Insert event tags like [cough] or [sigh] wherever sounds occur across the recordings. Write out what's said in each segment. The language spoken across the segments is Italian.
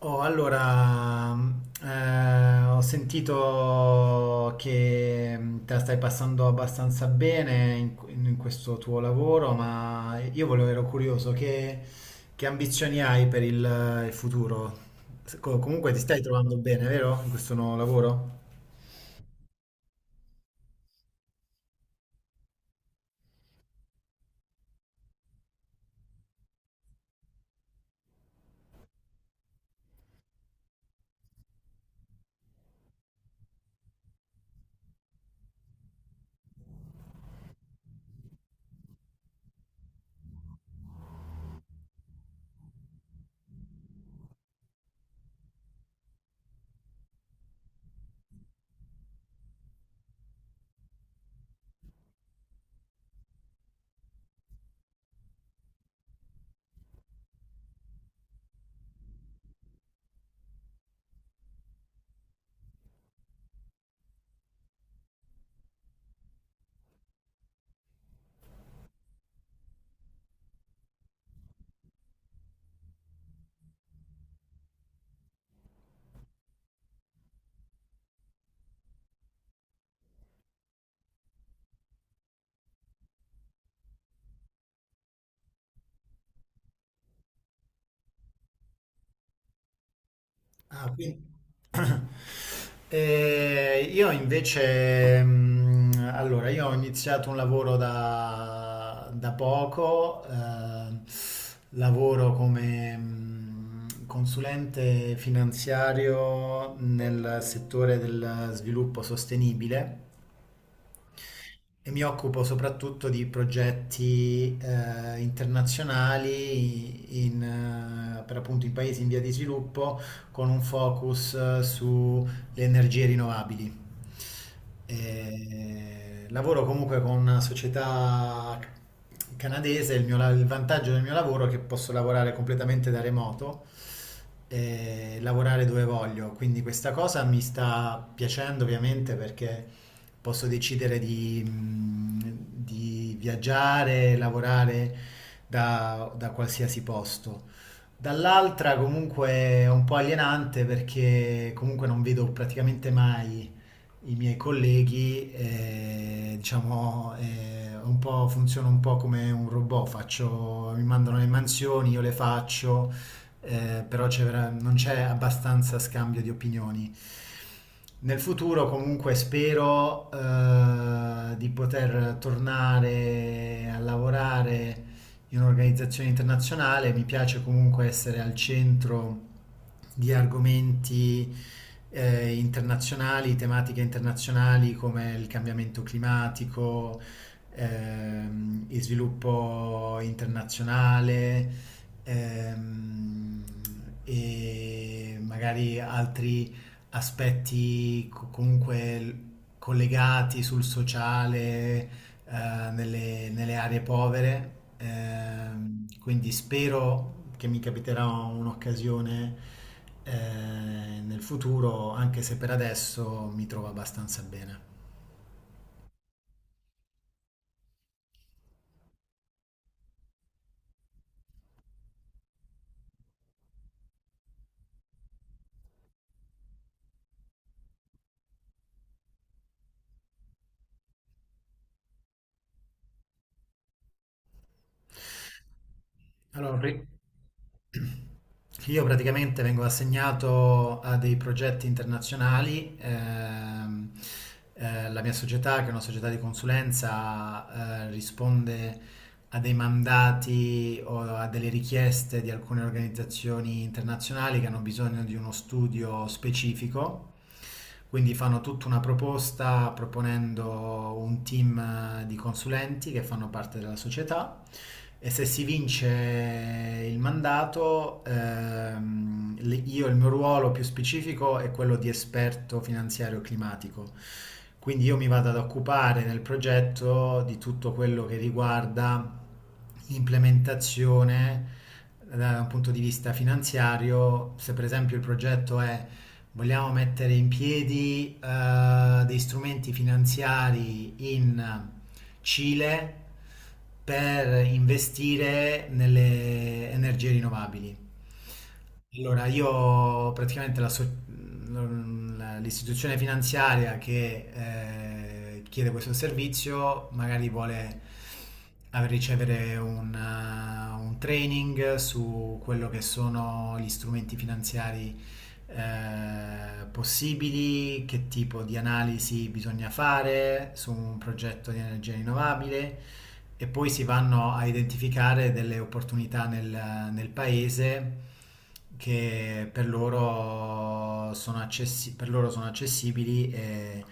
Oh, allora, mm, ho sentito che te la stai passando abbastanza bene in questo tuo lavoro, ma ero curioso, che ambizioni hai per il futuro? Comunque ti stai trovando bene, vero? In questo nuovo lavoro? Ah, quindi... E io invece, io ho iniziato un lavoro da poco, lavoro come consulente finanziario nel settore del sviluppo sostenibile e mi occupo soprattutto di progetti internazionali per appunto in paesi in via di sviluppo con un focus sulle energie rinnovabili. Lavoro comunque con una società canadese, il vantaggio del mio lavoro è che posso lavorare completamente da remoto e lavorare dove voglio. Quindi questa cosa mi sta piacendo ovviamente perché posso decidere di viaggiare, lavorare da qualsiasi posto. Dall'altra comunque è un po' alienante perché comunque non vedo praticamente mai i miei colleghi, diciamo, funziono un po' come un robot, faccio, mi mandano le mansioni, io le faccio, però non c'è abbastanza scambio di opinioni. Nel futuro comunque spero di poter tornare a lavorare in un'organizzazione internazionale, mi piace comunque essere al centro di argomenti internazionali, tematiche internazionali come il cambiamento climatico, il sviluppo internazionale ehm, e magari altri aspetti co- comunque l- collegati sul sociale, nelle aree povere, quindi spero che mi capiterà un'occasione eh, nel futuro, anche se per adesso mi trovo abbastanza bene. Allora, pri- io praticamente vengo assegnato a dei progetti internazionali. La mia società, che è una società di consulenza, risponde a dei mandati o a delle richieste di alcune organizzazioni internazionali che hanno bisogno di uno studio specifico. Quindi fanno tutta una proposta proponendo un team di consulenti che fanno parte della società e se si vince il mandato, io il mio ruolo più specifico è quello di esperto finanziario climatico. Quindi io mi vado ad occupare nel progetto di tutto quello che riguarda l'implementazione da un punto di vista finanziario. Se per esempio il progetto è vogliamo mettere in piedi dei strumenti finanziari in Cile per investire nelle energie rinnovabili. Allora, io praticamente la so- mm, la- l'istituzione finanziaria che chiede questo servizio magari vuole ricevere un training su quello che sono gli strumenti finanziari possibili, che tipo di analisi bisogna fare su un progetto di energia rinnovabile e poi si vanno a identificare delle opportunità nel paese che per loro per loro sono accessibili e,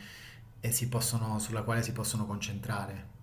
sulla quale si possono concentrare.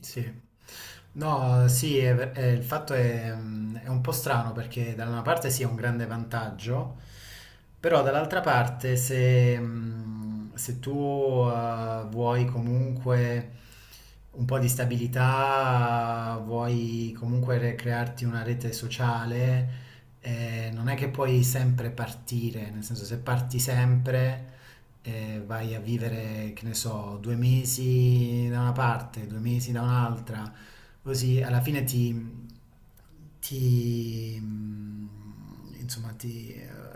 Sì. No, sì, il fatto è, è un po' strano perché da una parte sì è un grande vantaggio, però dall'altra parte se tu vuoi comunque un po' di stabilità, vuoi comunque crearti una rete sociale, non è che puoi sempre partire, nel senso se parti sempre vai a vivere, che ne so, 2 mesi da una parte, 2 mesi da un'altra, così alla fine ti, ti mm, insomma, ti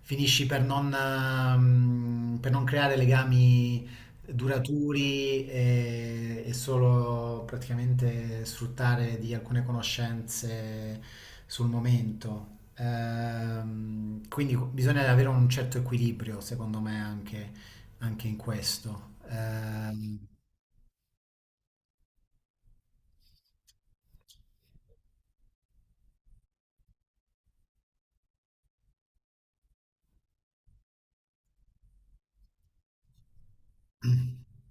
finisci per non, mm, per non creare legami duraturi e solo praticamente sfruttare di alcune conoscenze sul momento. Bisogna avere un certo equilibrio, secondo me, anche in questo. [clears throat]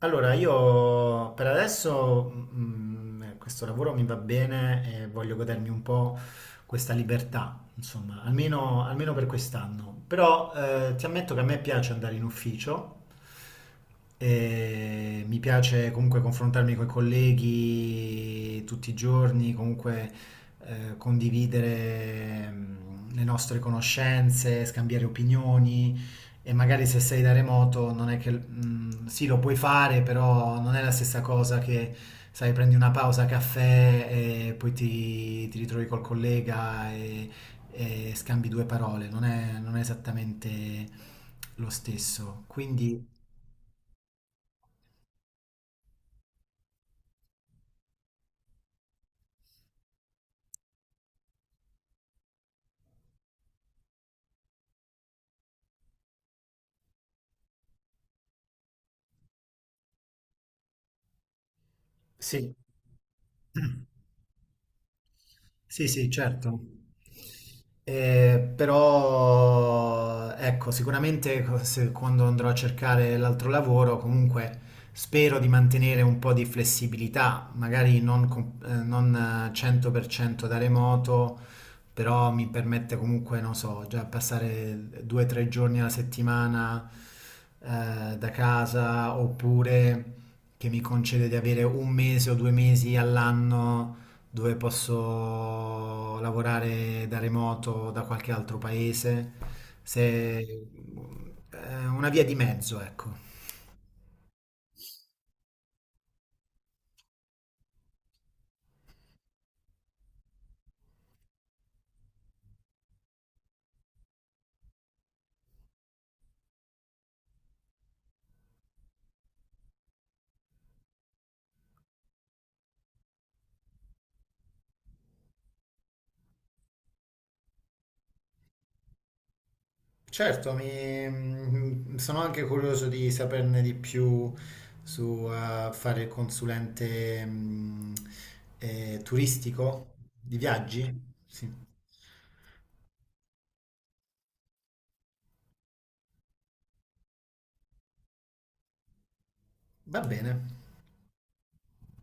Allora, io per adesso questo lavoro mi va bene e voglio godermi un po' questa libertà, insomma, almeno per quest'anno. Però ti ammetto che a me piace andare in ufficio, e mi piace comunque confrontarmi con i colleghi tutti i giorni, comunque condividere le nostre conoscenze, scambiare opinioni. E magari se sei da remoto non è che... mm, sì, lo puoi fare, però non è la stessa cosa che, sai, prendi una pausa caffè e poi ti ritrovi col collega e scambi due parole. Non è esattamente lo stesso. Quindi... Sì, sì, sì, certo. Però ecco, sicuramente quando andrò a cercare l'altro lavoro, comunque spero di mantenere un po' di flessibilità, magari non, com- non 100% da remoto, però mi permette comunque, non so, già passare 2 o 3 giorni alla settimana da casa oppure che mi concede di avere 1 mese o 2 mesi all'anno dove posso lavorare da remoto da qualche altro paese. Se, Una via di mezzo, ecco. Certo, sono anche curioso di saperne di più su fare il consulente turistico di viaggi. Sì. Va bene.